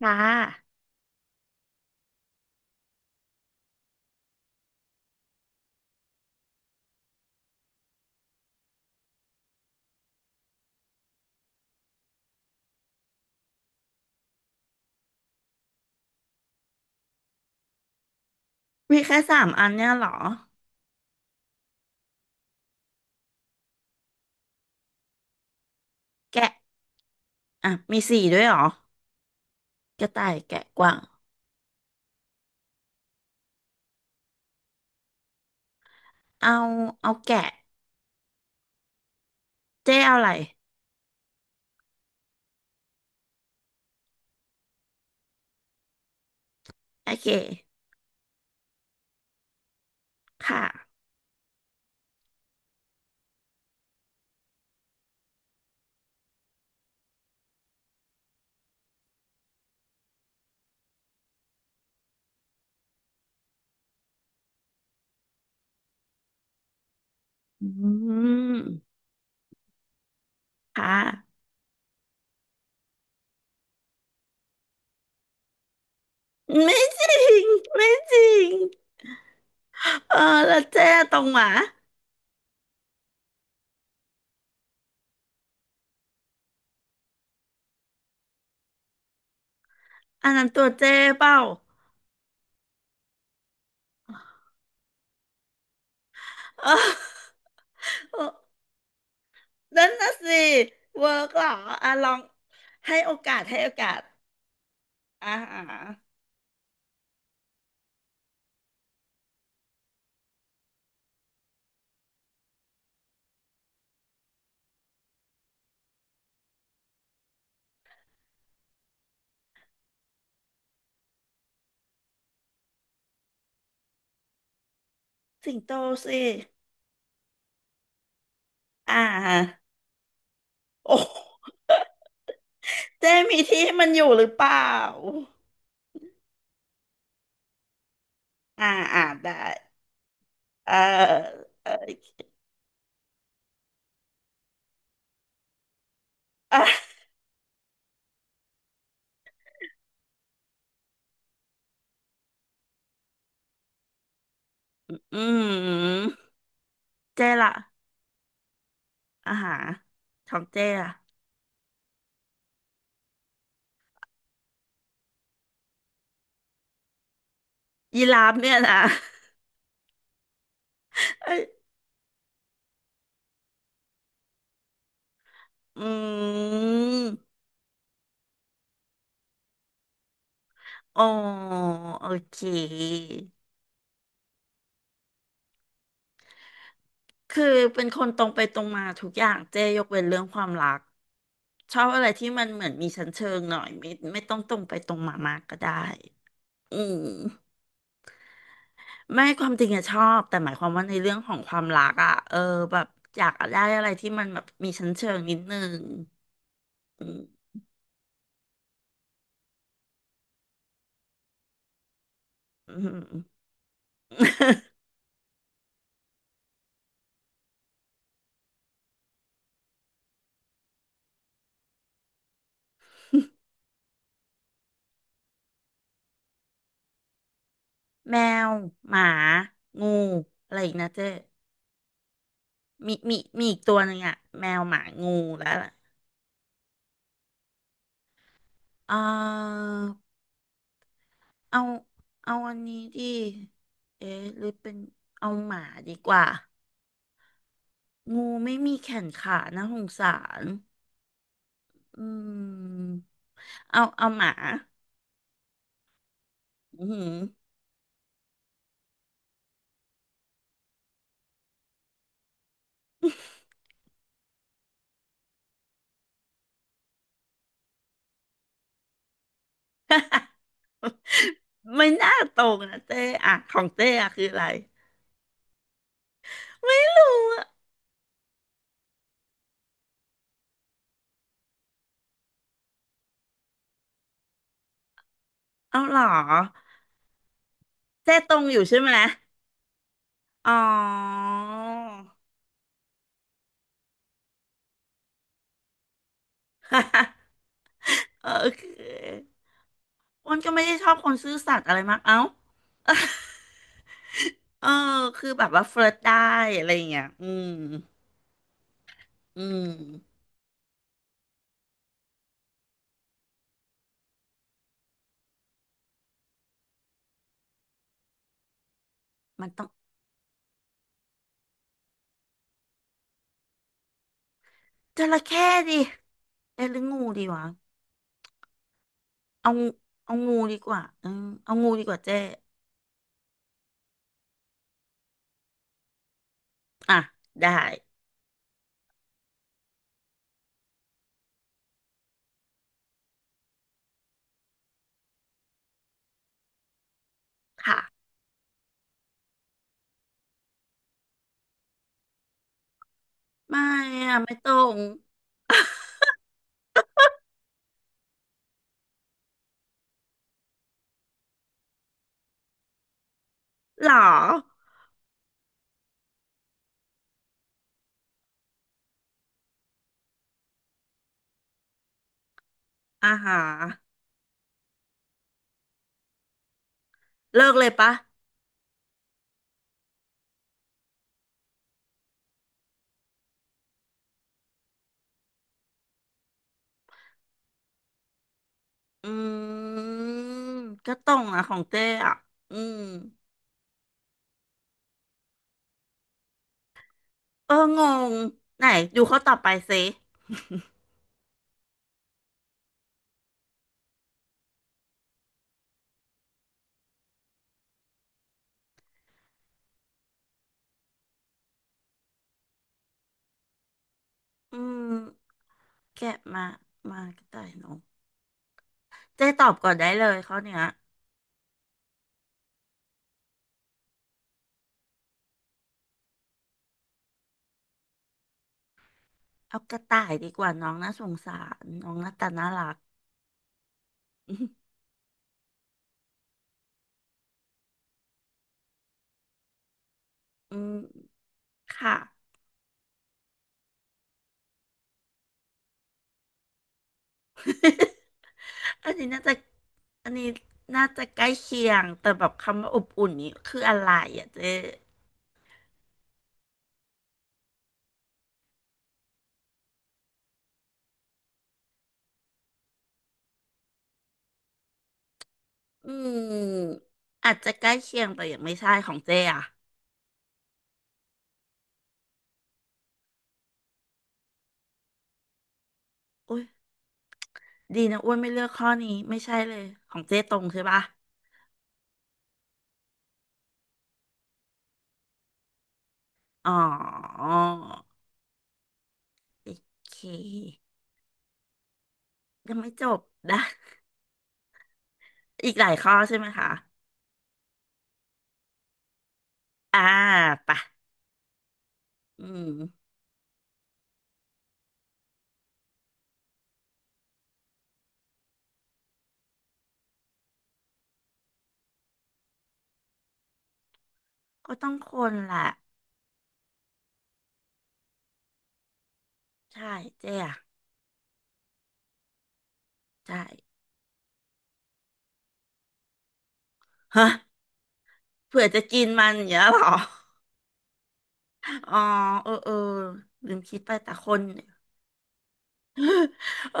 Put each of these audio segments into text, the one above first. ค่ะมีแค่สามอันเนี่ยเหรอแกะอ่ะมีสี่ด้วยเหรอกระต่ายแกะกวางเอาเอาแกะเจ๊เอาอะไรโอเคค่ะอืมค่ะไม่จริงไม่จริงเออแล้วเจ๊ตรงหมาอันนั้นตัวเจ๊เปล่าเออเอ้ นั่นน่ะสิเวิร์กเหรออ่ะลองให้โอกาสให้โอกาสอ่าสิงโตสิอ่าโอ้ เจ๊มีที่ให้มันอยู่หรือเปล่าอ่าอ่าได้เออเอออืมเจ๊ล่ะอาหารของเจ๊ล่ะยีราฟเนี่ยนะ เอ้ยอืมอ๋อโอเค คือเป็นคนตรงไปตรงมาทุกอย่าง เจ๊ยกเว้นเรื่องความรัก ชอบอะไรที่มันเหมือนมีชั้นเชิงหน่อยไม่ต้องตรงไปตรงมามากก็ได้ อืม ไม่ความจริงอะชอบแต่หมายความว่าในเรื่องของความรักอะเออแบบอยากได้อะไรที่มันแบบมีชั้นเชิงนิดนึงอืม อืม แมวหมางูอะไรอีกนะเจ๊มีอีกตัวหนึ่งอะแมวหมางูแล้วล่ะเออเอาเอาอันนี้ดิเอ๊ะหรือเป็นเอาหมาดีกว่างูไม่มีแขนขานะสงสารอืมเอาหมาอืม ไม่น่าตรงนะเจ๊อ่ะของเจ๊อะคืออะไรไม่รู้อะเอาเหรอเจ๊ตรงอยู่ใช่ไหมอ๋อ เออโอเคอ้วนก็ไม่ได้ชอบคนซื่อสัตย์อะไรมากเอ้า เออคือแบบว่าเฟลิร์ตได้อะไรอย่างเงี้ยอืมอืมมันต้องจระเข้ดิเอ๊ะหรืองูดีวะเอางูเอางูดีกว่าอืมเอางูดีกว่าเจ๊อ่ะได้ค่ะไม่อะไม่ตรง หรออ่าฮะเลิกเลยปะอืมก็ตรงนะของเจ้อะอืมเอองง ไหนดูเขาตอบไปสิ อืมแกะมามากระต่ายน้องเจ๊ตอบก่อนได้เลยเขาเนี้ยเอากระต่ายดีกว่าน้องน่าสงสารน้องหน้าตาน่ารักอืมค่ะ อันนี้น่าจะอันนี้น่าจะใกล้เคียงแต่แบบคำว่าอบอุ่นนี้คืออะไรอ่ะเจ๊ อืมอาจจะใกล้เคียงแต่ยังไม่ใช่ของเจ๊อะอุ้ยดีนะอ้วนไม่เลือกข้อนี้ไม่ใช่เลยของเจ๊ตรงใช่ปะอ๋อโอเคยังไม่จบนะ อีกหลายข้อใช่ไหมคะอ่าไปะอืมก็ต้องคนแหละใช่เจ๊อะใช่ฮะเผื่อจะกินมันอย่างเงี้ยเหรออ๋อเออเออลืมคิดไปแต่คนเออ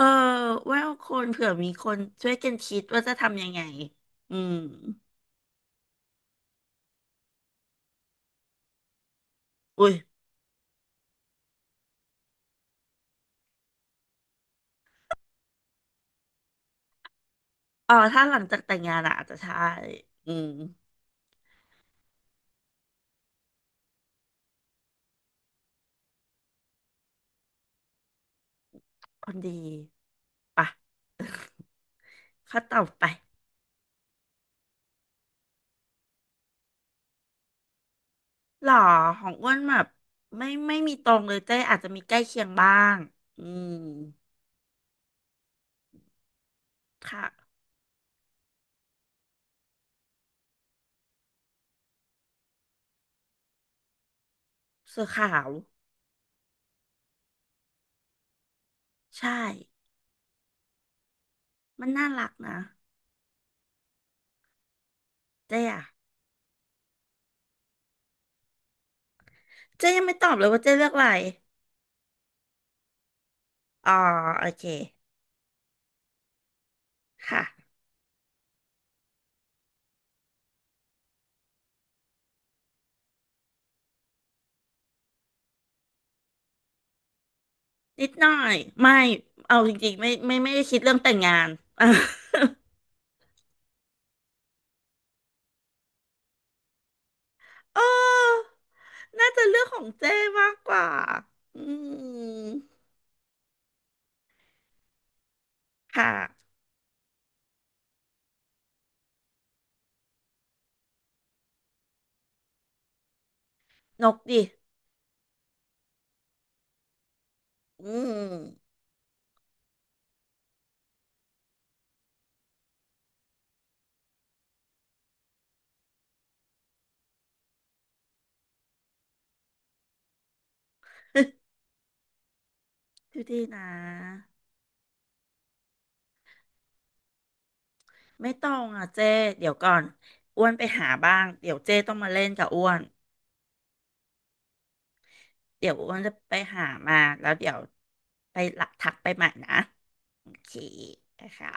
ว่าคนเผื่อมีคนช่วยกันคิดว่าจะทำยังไงอืม อุ้ยอ๋อถ้าหลังจากแต่งงานอะอาจจะใช่ อืมคนดีปะ ข้อต่อไปหรอของอ้วนแบบไม่มีตรงเลยเจ้อาจจะมีใกล้เคียงบ้างอืมค่ะเสื้อขาว ใช่ มันน่ารักนะเจ้อะเจ้ยังไม่ตอบเลยว่าเจ้เลือกอะไรอ๋อโอเคค่ะ นิดหน่อย ไม่ เอาจริงๆไม่ได้คิดเรื่องแต่งงาน เออ น่าจะเรื่องของเจ้มากกว่าอืมค่ะนกดิอืม ดูดีนะไม่ต้องอ่ะเจ้เดี๋ยวก่อนอ้วนไปหาบ้างเดี๋ยวเจ้ต้องมาเล่นกับอ้วนเดี๋ยวอ้วนจะไปหามาแล้วเดี๋ยวไปหลักทักไปใหม่นะโอเคนะคะ